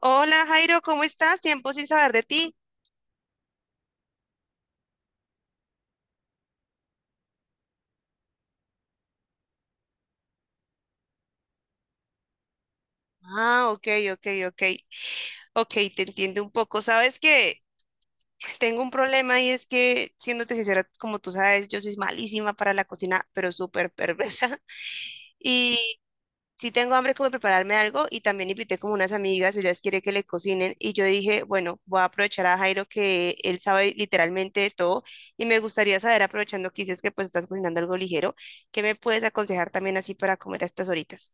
Hola Jairo, ¿cómo estás? Tiempo sin saber de ti. Ah, ok, ok, ok. Ok, te entiendo un poco. Sabes que tengo un problema y es que, siéndote sincera, como tú sabes, yo soy malísima para la cocina, pero súper perversa. Y sí tengo hambre como de prepararme algo y también invité como unas amigas, ellas quieren que le cocinen y yo dije, bueno, voy a aprovechar a Jairo que él sabe literalmente de todo y me gustaría saber, aprovechando que dices que pues estás cocinando algo ligero, ¿qué me puedes aconsejar también así para comer a estas horitas?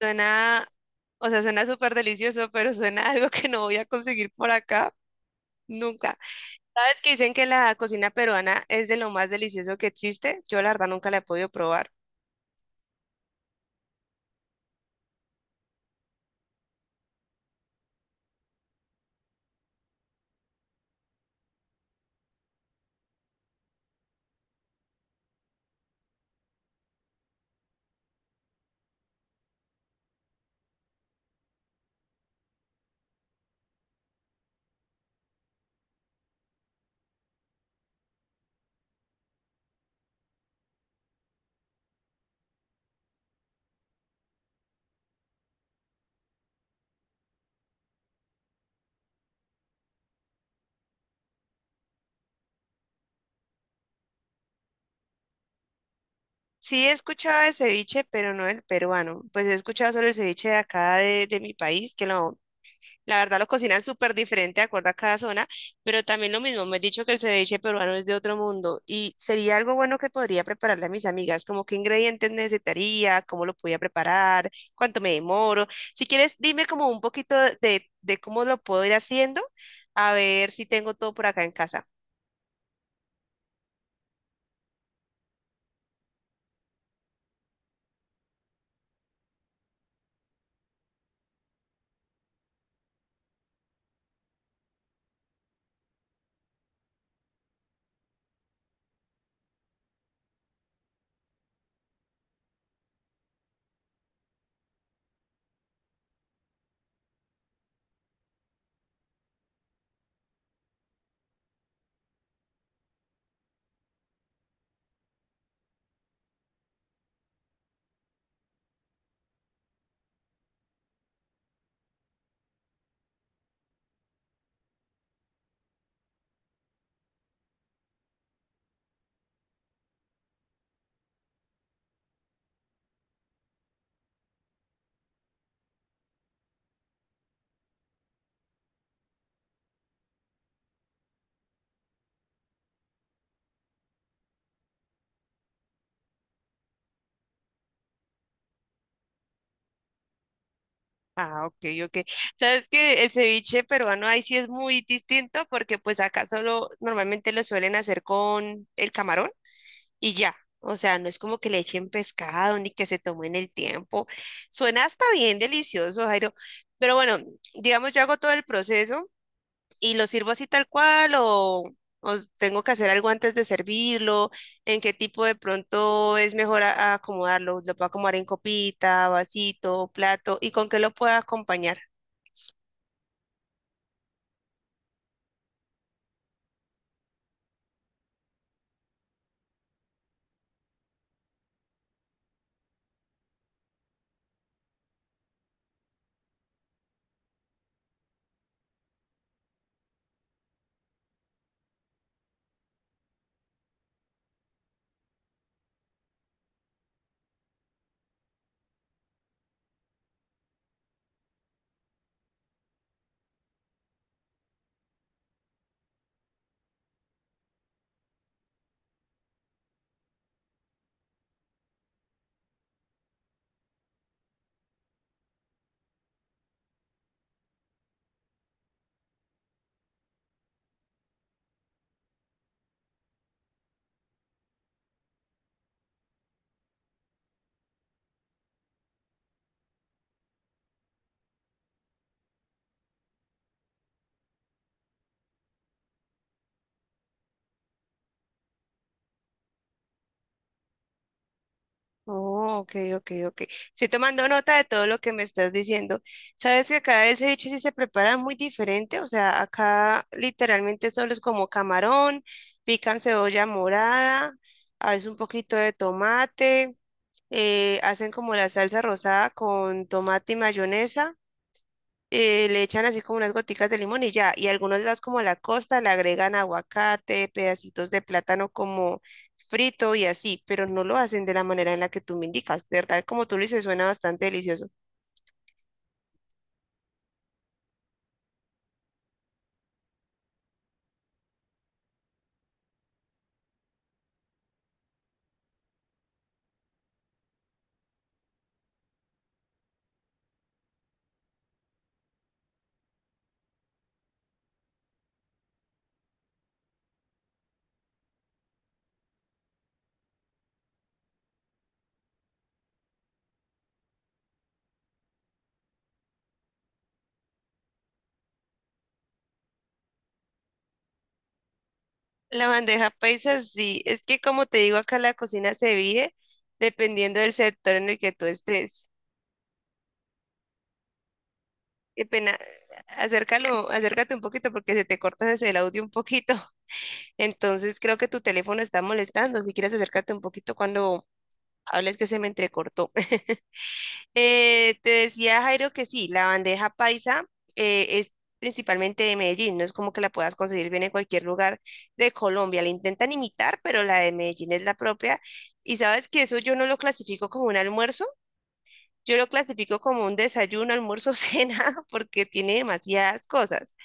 Suena, o sea, suena súper delicioso, pero suena a algo que no voy a conseguir por acá nunca. ¿Sabes que dicen que la cocina peruana es de lo más delicioso que existe? Yo la verdad nunca la he podido probar. Sí he escuchado de ceviche, pero no el peruano. Pues he escuchado sobre el ceviche de acá de mi país, que lo la verdad lo cocinan súper diferente de acuerdo a cada zona, pero también lo mismo, me he dicho que el ceviche peruano es de otro mundo y sería algo bueno que podría prepararle a mis amigas, como qué ingredientes necesitaría, cómo lo podía preparar, cuánto me demoro. Si quieres, dime como un poquito de cómo lo puedo ir haciendo, a ver si tengo todo por acá en casa. Ah, ok, ok. Sabes que el ceviche peruano ahí sí es muy distinto porque pues acá solo normalmente lo suelen hacer con el camarón y ya. O sea, no es como que le echen pescado ni que se tomen el tiempo. Suena hasta bien delicioso, Jairo. Pero bueno, digamos, yo hago todo el proceso y lo sirvo así tal cual o tengo que hacer algo antes de servirlo, en qué tipo de pronto es mejor a acomodarlo. Lo puedo acomodar en copita, vasito, plato y con qué lo puedo acompañar. Oh, ok, ok, ok. Estoy tomando nota de todo lo que me estás diciendo. Sabes que acá el ceviche sí se prepara muy diferente, o sea, acá literalmente solo es como camarón, pican cebolla morada, a veces un poquito de tomate, hacen como la salsa rosada con tomate y mayonesa. Le echan así como unas goticas de limón y ya, y algunos las como a la costa le agregan aguacate, pedacitos de plátano como frito y así, pero no lo hacen de la manera en la que tú me indicas. De verdad, como tú lo dices, suena bastante delicioso. La bandeja paisa, sí, es que como te digo, acá la cocina se vive dependiendo del sector en el que tú estés. Qué pena, acércalo, acércate un poquito porque se te corta desde el audio un poquito. Entonces creo que tu teléfono está molestando. Si quieres acércate un poquito cuando hables que se me entrecortó. Te decía Jairo que sí, la bandeja paisa es principalmente de Medellín. No es como que la puedas conseguir bien en cualquier lugar de Colombia. La intentan imitar, pero la de Medellín es la propia. Y sabes que eso yo no lo clasifico como un almuerzo. Yo lo clasifico como un desayuno, almuerzo, cena, porque tiene demasiadas cosas.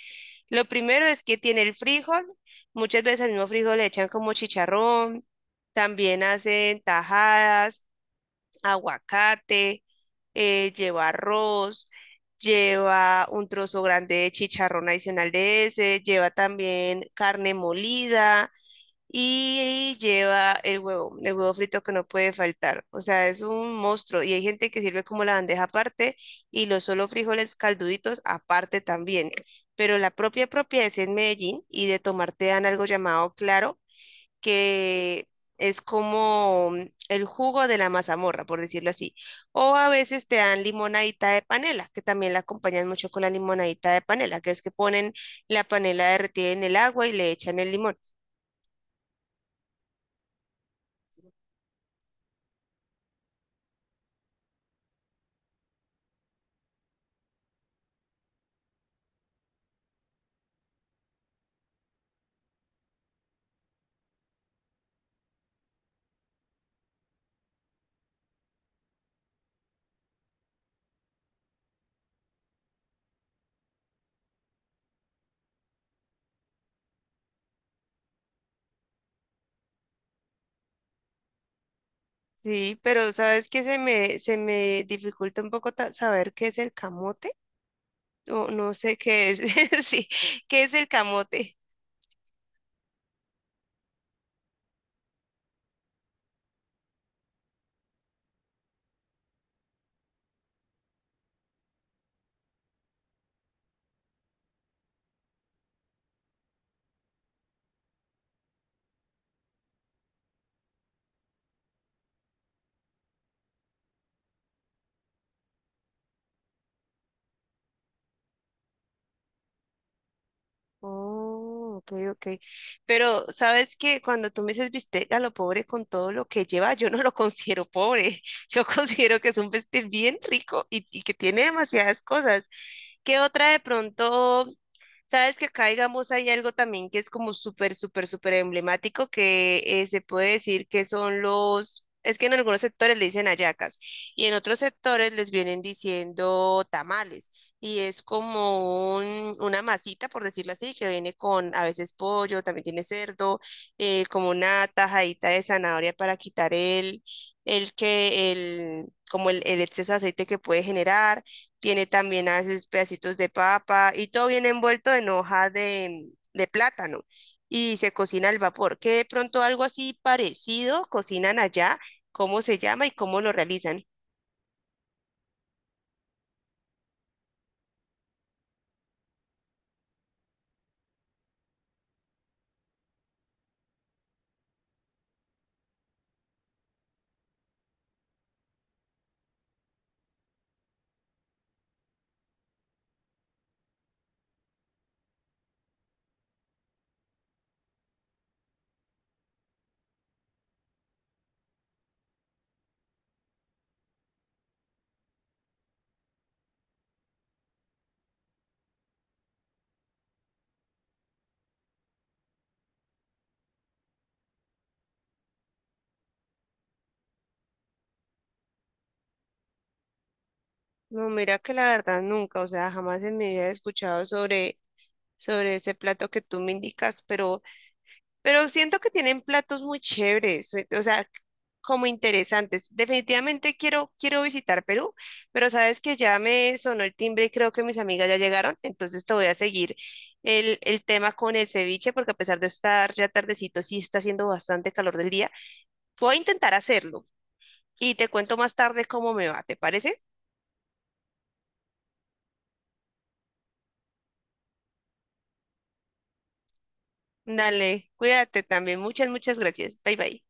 Lo primero es que tiene el frijol. Muchas veces al mismo frijol le echan como chicharrón. También hacen tajadas, aguacate, lleva arroz, lleva un trozo grande de chicharrón adicional de ese, lleva también carne molida y lleva el huevo frito que no puede faltar. O sea, es un monstruo. Y hay gente que sirve como la bandeja aparte y los solo frijoles calduditos aparte también. Pero la propia propia es en Medellín y de tomar te dan algo llamado claro, que es como el jugo de la mazamorra, por decirlo así. O a veces te dan limonadita de panela, que también la acompañan mucho con la limonadita de panela, que es que ponen la panela derretida en el agua y le echan el limón. Sí, pero ¿sabes qué? Se me dificulta un poco saber qué es el camote. O no sé qué es. Sí, ¿qué es el camote? Oh, ok, ok. Pero ¿sabes qué? Cuando tú me dices bistec a lo pobre con todo lo que lleva, yo no lo considero pobre. Yo considero que es un bistec bien rico y que tiene demasiadas cosas. ¿Qué otra de pronto? Sabes que acá, digamos, hay algo también que es como súper, súper, súper emblemático que se puede decir que son los, es que en algunos sectores le dicen hallacas y en otros sectores les vienen diciendo tamales y es como una masita, por decirlo así, que viene con a veces pollo, también tiene cerdo, como una tajadita de zanahoria para quitar el que, el, como el exceso de aceite que puede generar, tiene también a veces pedacitos de papa y todo viene envuelto en hoja de plátano y se cocina al vapor. Que de pronto algo así parecido cocinan allá, cómo se llama y cómo lo realizan. No, mira que la verdad nunca, o sea, jamás en mi vida he escuchado sobre, sobre ese plato que tú me indicas, pero siento que tienen platos muy chéveres, o sea, como interesantes. Definitivamente quiero, quiero visitar Perú, pero sabes que ya me sonó el timbre y creo que mis amigas ya llegaron, entonces te voy a seguir el tema con el ceviche, porque a pesar de estar ya tardecito, sí está haciendo bastante calor del día. Voy a intentar hacerlo y te cuento más tarde cómo me va, ¿te parece? Dale, cuídate también. Muchas, muchas gracias. Bye bye.